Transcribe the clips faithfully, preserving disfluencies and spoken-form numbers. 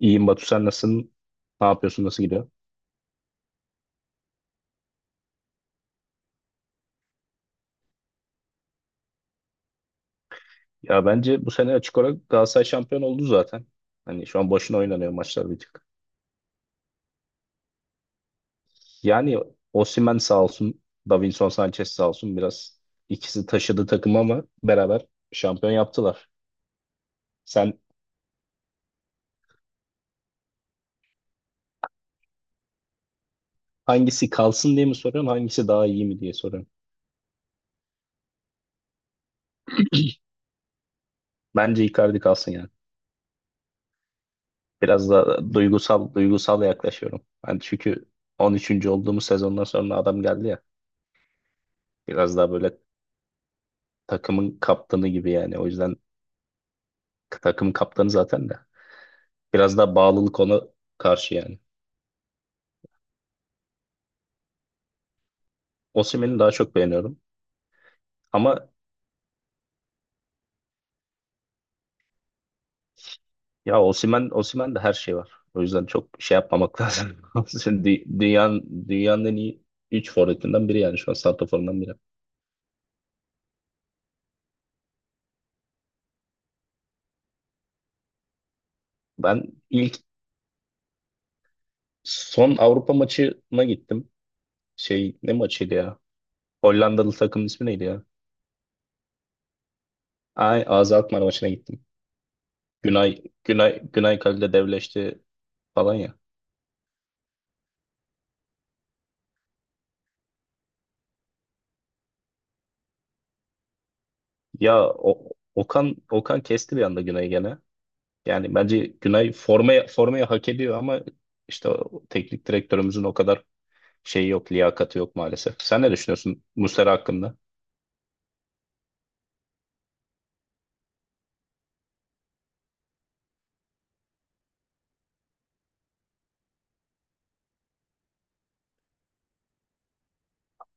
İyiyim Batu, sen nasılsın? Ne yapıyorsun? Nasıl gidiyor? Ya bence bu sene açık olarak Galatasaray şampiyon oldu zaten. Hani şu an boşuna oynanıyor maçlar bir tık. Yani Osimhen sağ olsun, Davinson Sanchez sağ olsun, biraz ikisi taşıdı takımı ama beraber şampiyon yaptılar. Sen hangisi kalsın diye mi soruyorsun, hangisi daha iyi mi diye soruyorsun? Bence Icardi kalsın yani. Biraz da duygusal duygusal yaklaşıyorum. Ben çünkü on üçüncü olduğumuz sezondan sonra adam geldi ya. Biraz daha böyle takımın kaptanı gibi yani. O yüzden takım kaptanı zaten de. Biraz daha bağlılık ona karşı yani. Osimhen'i daha çok beğeniyorum. Ama ya Osimhen, Osimhen de her şey var. O yüzden çok şey yapmamak lazım. Osimhen dü- Dünyanın, dünyanın en iyi üç forvetinden biri yani şu an, santraforundan biri. Ben ilk son Avrupa maçına gittim. Şey ne maçıydı ya? Hollandalı takımın ismi neydi ya? Ay, Azad Alkmaar maçına gittim. Günay Günay Günay kalede devleşti falan ya. Ya o, Okan Okan kesti bir anda Günay'ı gene. Yani bence Günay formaya, formaya hak ediyor ama işte o teknik direktörümüzün o kadar şeyi yok, liyakati yok maalesef. Sen ne düşünüyorsun Muslera hakkında?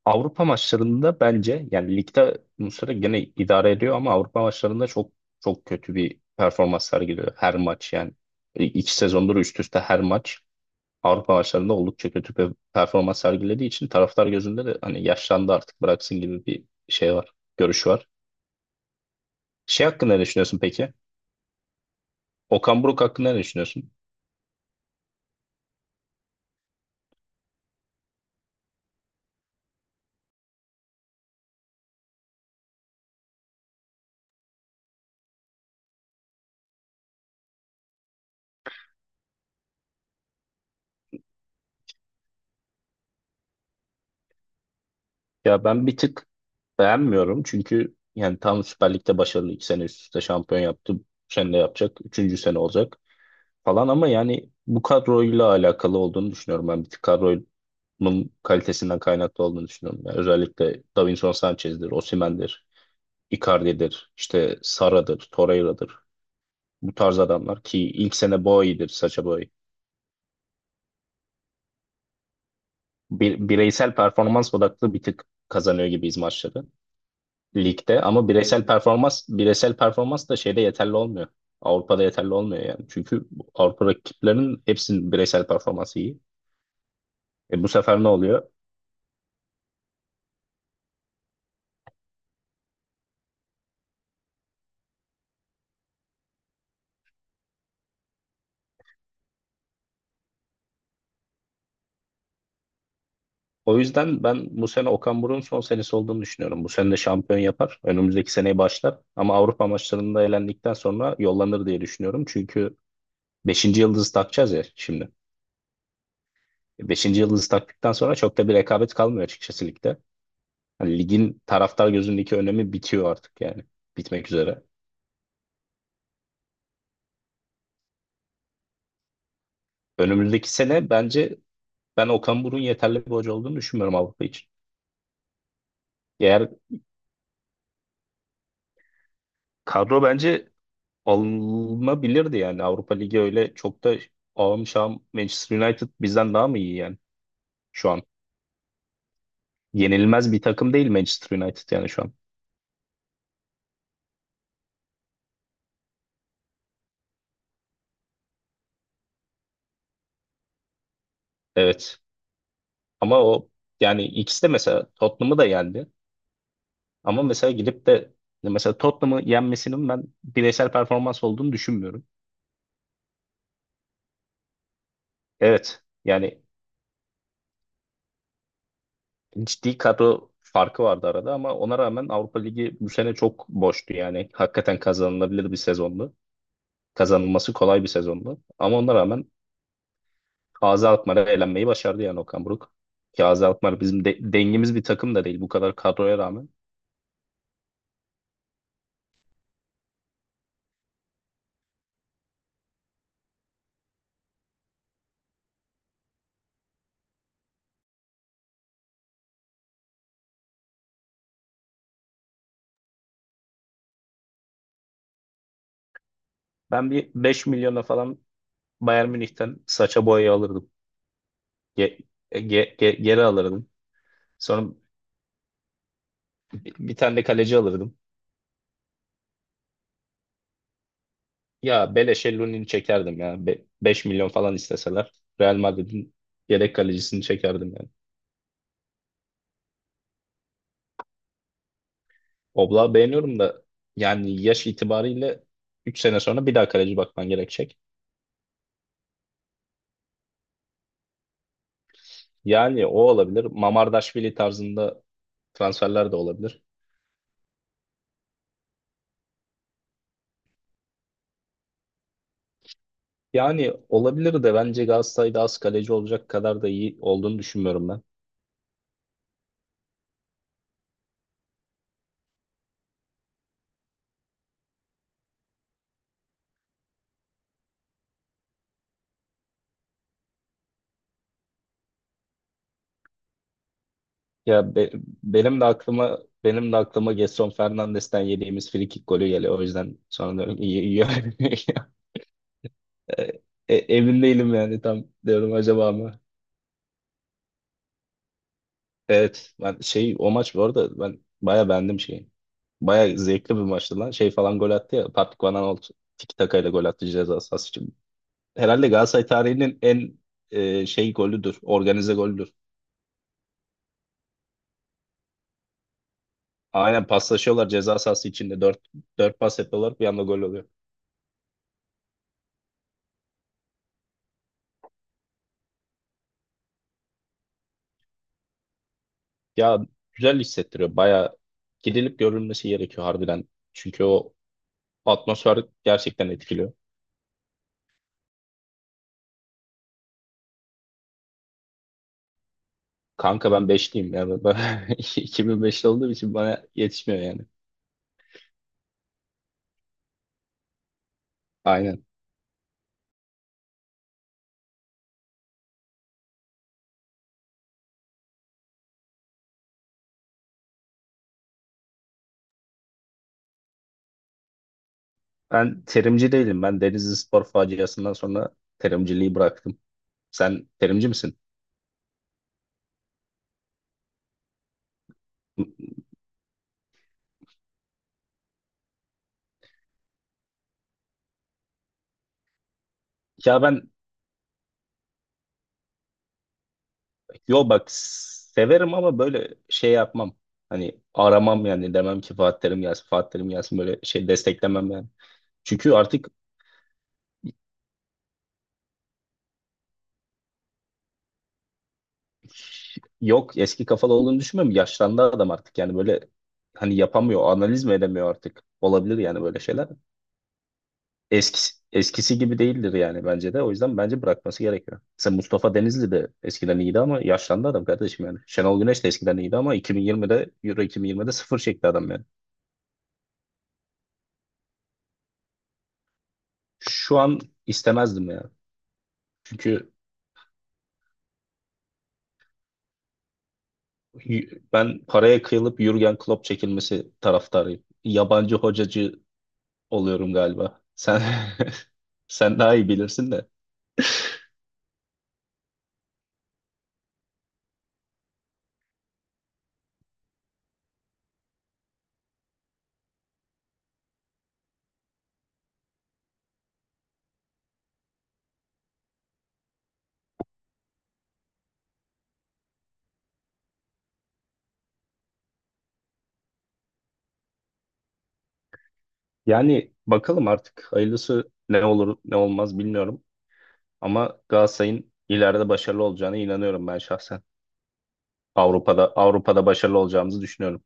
Avrupa maçlarında bence yani ligde Muslera gene idare ediyor ama Avrupa maçlarında çok çok kötü bir performans sergiliyor her maç yani. E, iki sezondur üst üste her maç Avrupa maçlarında oldukça kötü bir performans sergilediği için taraftar gözünde de hani yaşlandı artık bıraksın gibi bir şey var, görüş var. Şey hakkında ne düşünüyorsun peki? Okan Buruk hakkında ne düşünüyorsun? Ya ben bir tık beğenmiyorum çünkü yani tam Süper Lig'de başarılı, iki sene üst üste şampiyon yaptı. Bu sene de yapacak. Üçüncü sene olacak falan ama yani bu kadroyla alakalı olduğunu düşünüyorum. Ben bir tık kadronun kalitesinden kaynaklı olduğunu düşünüyorum. Yani özellikle Davinson Sanchez'dir, Osimhen'dir, Icardi'dir, işte Sara'dır, Torreira'dır. Bu tarz adamlar ki ilk sene Boey'dir, Sacha Boey. Bir, bireysel performans odaklı bir tık kazanıyor gibiyiz maçları ligde, ama bireysel performans bireysel performans da şeyde yeterli olmuyor. Avrupa'da yeterli olmuyor yani. Çünkü Avrupa rakiplerinin hepsinin bireysel performansı iyi. E, bu sefer ne oluyor? O yüzden ben bu sene Okan Buruk'un son senesi olduğunu düşünüyorum. Bu sene de şampiyon yapar. Önümüzdeki seneye başlar. Ama Avrupa maçlarında elendikten sonra yollanır diye düşünüyorum. Çünkü beşinci yıldızı takacağız ya şimdi. Beşinci yıldızı taktıktan sonra çok da bir rekabet kalmıyor açıkçası ligde. Hani ligin taraftar gözündeki önemi bitiyor artık yani. Bitmek üzere. Önümüzdeki sene bence ben Okan Buruk'un yeterli bir hoca olduğunu düşünmüyorum Avrupa için. Eğer kadro, bence alınabilirdi yani. Avrupa Ligi öyle çok da ağım şahım Manchester United bizden daha mı iyi yani şu an? Yenilmez bir takım değil Manchester United yani şu an. Evet ama o, yani ikisi de mesela Tottenham'ı da yendi, ama mesela gidip de mesela Tottenham'ı yenmesinin ben bireysel performans olduğunu düşünmüyorum. Evet yani ciddi kadro farkı vardı arada ama ona rağmen Avrupa Ligi bu sene çok boştu yani. Hakikaten kazanılabilir bir sezondu. Kazanılması kolay bir sezondu. Ama ona rağmen A Z Alkmaar'a elenmeyi başardı yani Okan Buruk. Ki A Z Alkmaar bizim de dengimiz bir takım da değil, bu kadar kadroya rağmen. Ben bir beş milyona falan Bayern Münih'ten saça boyayı alırdım. Ge- ge- ge- geri alırdım. Sonra bir bir tane de kaleci alırdım. Ya beleşe Lunin'i çekerdim ya. Be beş milyon falan isteseler, Real Madrid'in yedek kalecisini çekerdim yani. Oblak'ı beğeniyorum da yani yaş itibariyle üç sene sonra bir daha kaleci bakman gerekecek. Yani o olabilir. Mamardaşvili tarzında transferler de olabilir. Yani olabilir de bence Galatasaray'da az kaleci olacak kadar da iyi olduğunu düşünmüyorum ben. Ya be- benim de aklıma benim de aklıma Gedson Fernandes'ten yediğimiz frikik golü geliyor. O yüzden sonra diyorum iyi iyi. E, e, emin değilim yani, tam diyorum, acaba mı? Evet ben şey o maç bu arada ben baya beğendim şeyi. Baya zevkli bir maçtı lan. Şey falan gol attı ya, Patrick Van Aanholt tiki takayla gol attı ceza sahası için. Herhalde Galatasaray tarihinin en e, şey golüdür. Organize golüdür. Aynen paslaşıyorlar ceza sahası içinde. Dört, dört pas yapıyorlar, bir anda gol oluyor. Ya güzel hissettiriyor. Baya gidilip görülmesi gerekiyor harbiden. Çünkü o atmosfer gerçekten etkiliyor. Kanka ben beşliyim ya. Ben iki bin beşli olduğum için bana yetişmiyor yani. Aynen. Ben terimci değilim. Ben Denizli Spor faciasından sonra terimciliği bıraktım. Sen terimci misin? Ya ben, yo bak, severim ama böyle şey yapmam. Hani aramam yani, demem ki Fatih Terim gelsin, Fatih Terim gelsin, böyle şey desteklemem yani. Çünkü artık yok, eski kafalı olduğunu düşünmüyorum. Yaşlandı adam artık yani, böyle hani yapamıyor, analiz mi edemiyor artık. Olabilir yani böyle şeyler. Eskisi, eskisi gibi değildir yani bence de. O yüzden bence bırakması gerekiyor. Mesela Mustafa Denizli de eskiden iyiydi ama yaşlandı adam kardeşim yani. Şenol Güneş de eskiden iyiydi ama iki bin yirmide, Euro iki bin yirmide sıfır çekti adam yani. Şu an istemezdim ya. Çünkü y- ben paraya kıyılıp Jürgen Klopp çekilmesi taraftarıyım. Yabancı hocacı oluyorum galiba. Sen sen daha iyi bilirsin de. Yani bakalım artık, hayırlısı ne olur ne olmaz bilmiyorum. Ama Galatasaray'ın ileride başarılı olacağına inanıyorum ben şahsen. Avrupa'da Avrupa'da başarılı olacağımızı düşünüyorum.